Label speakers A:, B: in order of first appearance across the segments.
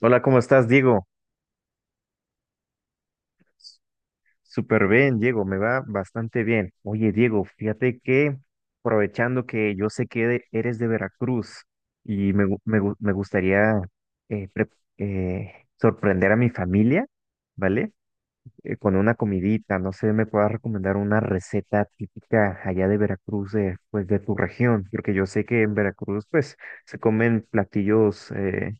A: Hola, ¿cómo estás, Diego? Súper bien, Diego, me va bastante bien. Oye, Diego, fíjate que aprovechando que yo sé que eres de Veracruz y me gustaría eh, pre- eh, sorprender a mi familia, ¿vale? Con una comidita, no sé, me puedas recomendar una receta típica allá de Veracruz, de, pues de tu región, porque yo sé que en Veracruz, pues, se comen platillos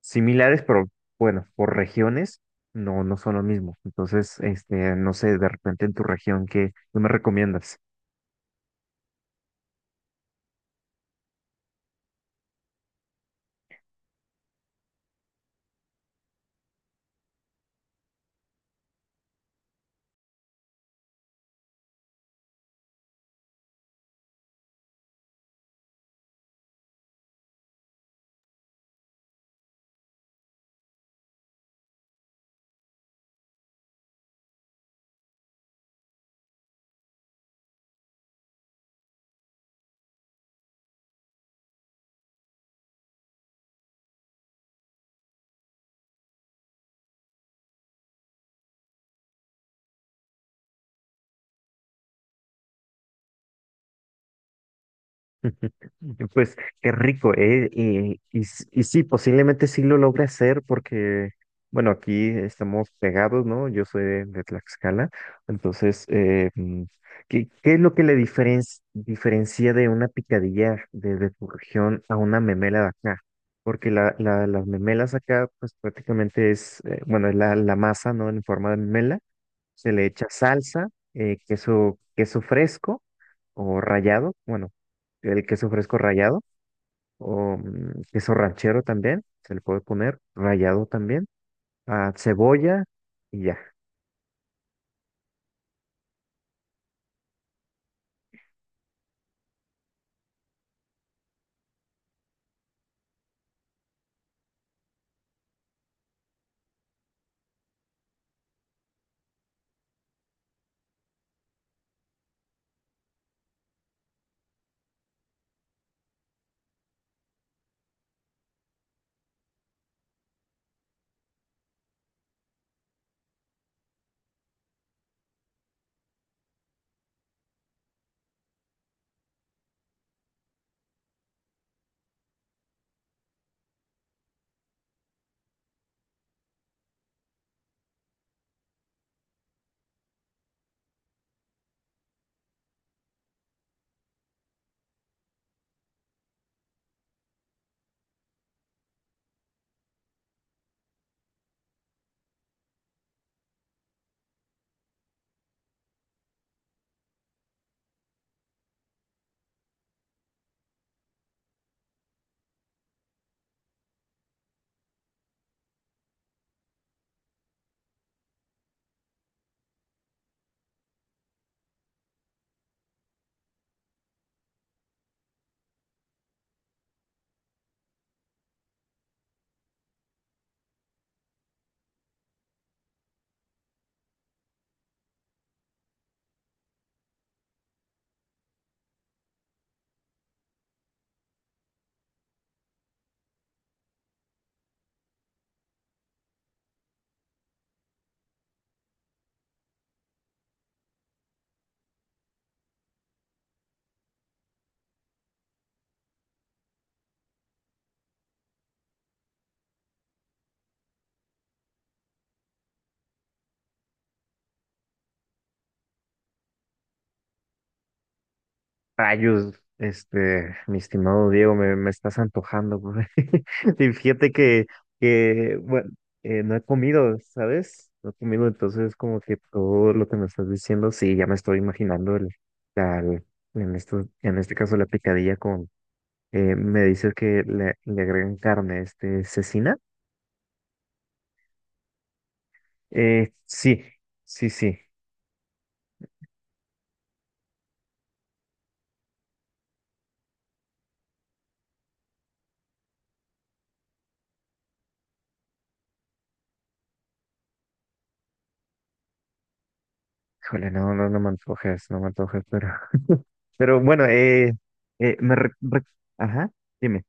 A: similares, pero bueno, por regiones no son lo mismo. Entonces, este, no sé, de repente en tu región, ¿qué, qué me recomiendas? Pues qué rico, ¿eh? Y sí, posiblemente sí lo logre hacer porque, bueno, aquí estamos pegados, ¿no? Yo soy de Tlaxcala, entonces, ¿qué, qué es lo que le diferencia de una picadilla de tu región a una memela de acá? Porque las memelas acá, pues prácticamente es, bueno, es la masa, ¿no? En forma de memela, se le echa salsa, queso, queso fresco o rallado, bueno el queso fresco rallado o queso ranchero también, se le puede poner, rallado también, ah, cebolla y ya. Rayos, este, mi estimado Diego, me estás antojando, güey. Y fíjate que bueno, no he comido, ¿sabes? No he comido, entonces como que todo lo que me estás diciendo, sí, ya me estoy imaginando la- el- en esto, en este caso la picadilla con, me dices que le agregan carne, este, cecina. Sí, sí, sí. Híjole, no, no, no me antojes, no me antojes, pero bueno, eh, me, re- re- ajá, dime.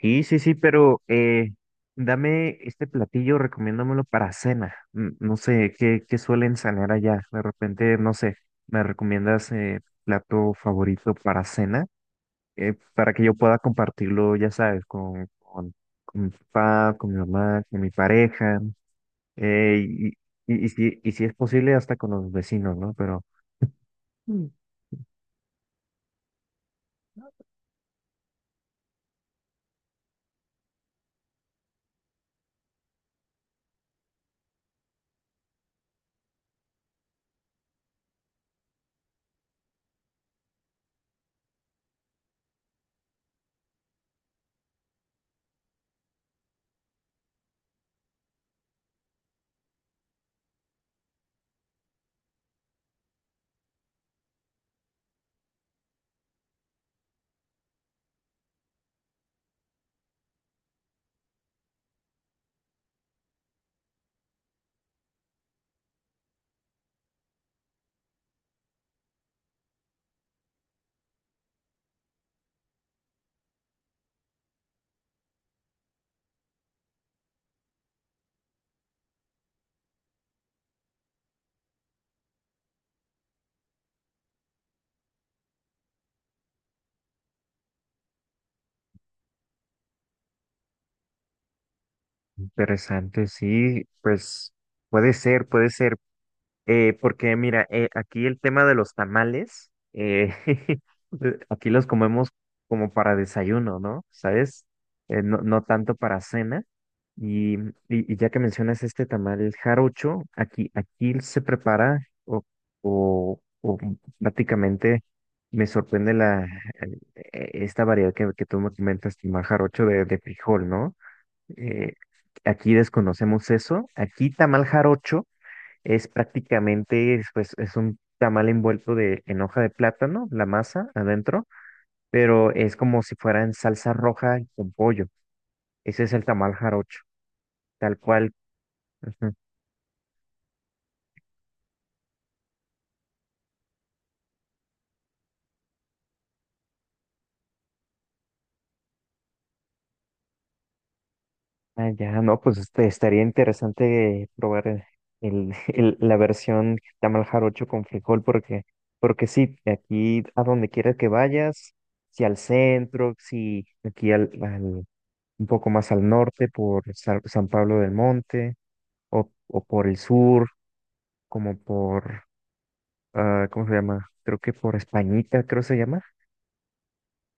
A: Sí, sí, sí, pero dame este platillo, recomiéndamelo para cena. No sé, ¿qué, qué suelen sanear allá? De repente, no sé, ¿me recomiendas plato favorito para cena? Para que yo pueda compartirlo, ya sabes, con mi papá, con mi mamá, con mi pareja, eh, y, y si es posible, hasta con los vecinos, ¿no? Pero... Interesante, sí, pues puede ser, porque mira, aquí el tema de los tamales, aquí los comemos como para desayuno, ¿no? ¿Sabes? No, no tanto para cena. Y ya que mencionas este tamal jarocho, aquí, aquí se prepara o, o prácticamente me sorprende esta variedad que tú me comentas, tamal jarocho de frijol, ¿no? Eh, aquí desconocemos eso. Aquí tamal jarocho es prácticamente, es, pues, es un tamal envuelto en hoja de plátano, la masa adentro, pero es como si fuera en salsa roja y con pollo. Ese es el tamal jarocho, tal cual. Ujú. Ah, ya, no, pues este, estaría interesante probar la versión tamal jarocho con frijol, porque, porque sí, aquí a donde quiera que vayas, si al centro, si aquí al un poco más al norte por San Pablo del Monte o por el sur, como por, ah, ¿cómo se llama? Creo que por Españita, creo se llama.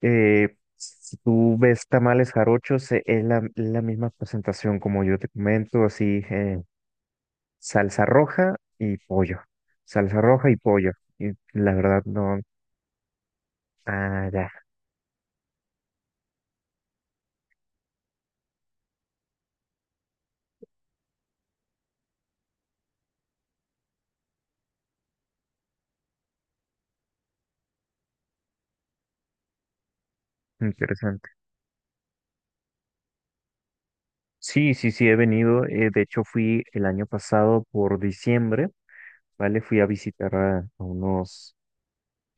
A: Si tú ves tamales jarochos, la misma presentación como yo te comento, así, salsa roja y pollo, salsa roja y pollo. Y la verdad no, ah, ya, interesante. Sí, sí, sí, he venido. Eh, de hecho, fui el año pasado por diciembre. ¿Vale? Fui a visitar a unos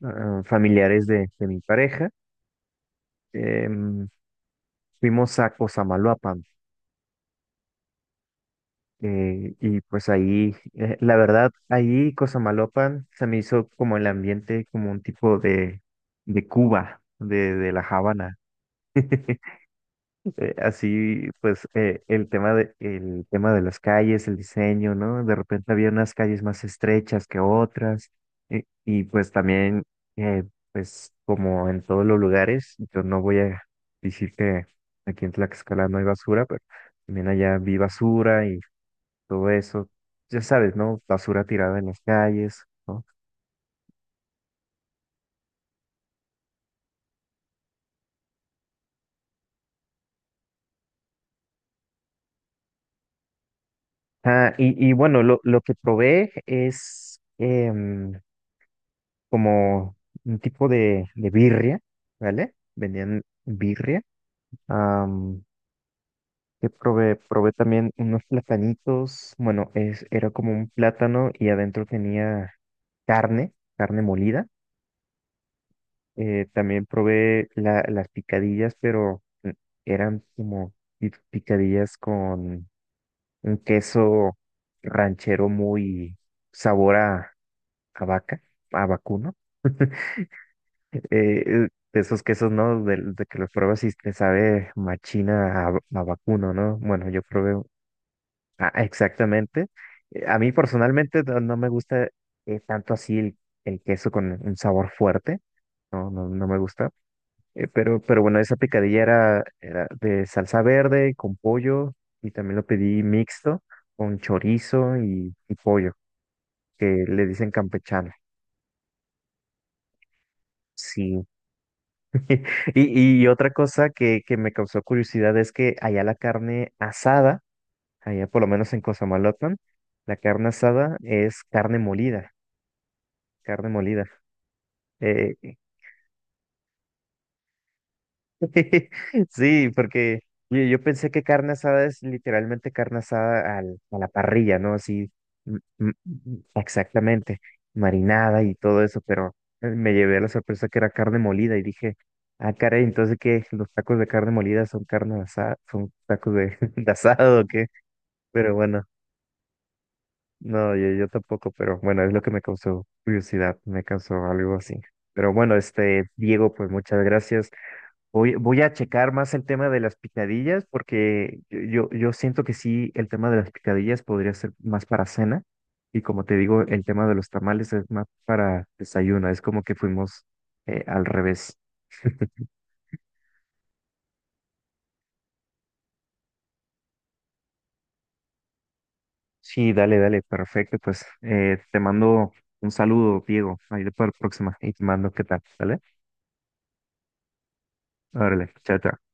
A: ah, familiares de mi pareja. Em, fuimos a Cosamaloapan. Eh, y pues ahí, la verdad, ahí Cosamaloapan se me hizo como el ambiente, como un tipo de Cuba, de La Habana. Eh, así, pues, el tema el tema de las calles, el diseño, ¿no? De repente había unas calles más estrechas que otras. eh, y pues también, eh, pues, como en todos los lugares, yo no voy a decir que aquí en Tlaxcala no hay basura, pero también allá vi basura y todo eso. Ya sabes, ¿no? Basura tirada en las calles, ¿no? Ah, y bueno, lo que probé es... em, como un tipo de birria, ¿vale? Vendían birria. Am, que probé, probé también unos platanitos. Bueno, es, era como un plátano y adentro tenía carne, carne molida. También probé las picadillas, pero eran como picadillas con un queso ranchero muy sabor a vaca, a vacuno. Eh, de esos quesos, ¿no? De que los pruebas y te sabe machina a vacuno, ¿no? Bueno, yo probé ah, exactamente. A mí personalmente no, no me gusta tanto así el queso con un sabor fuerte, no, no, no me gusta. Pero bueno, esa picadilla era, era de salsa verde con pollo y también lo pedí mixto con chorizo y pollo, que le dicen campechano. Sí, y otra cosa que me causó curiosidad es que allá la carne asada, allá por lo menos en Cosamaloapan, la carne asada es carne molida, carne molida. Eh, sí, porque yo pensé que carne asada es literalmente carne asada a la parrilla, ¿no? Así, mm, mm, mm, exactamente, marinada y todo eso, pero me llevé la sorpresa que era carne molida y dije, ah, caray, entonces que los tacos de carne molida son carne asada, son tacos de, de asado, ¿o qué? Pero bueno, no, yo tampoco, pero bueno, es lo que me causó curiosidad, me causó algo así. Pero bueno, este, Diego, pues muchas gracias. Voy, voy a checar más el tema de las picadillas porque yo siento que sí, el tema de las picadillas podría ser más para cena y como te digo, el tema de los tamales es más para desayuno, es como que fuimos al revés. Sí, dale, dale, perfecto, pues te mando un saludo, Diego, ahí para la próxima y te mando qué tal, ¿vale? Órale, chao, chao.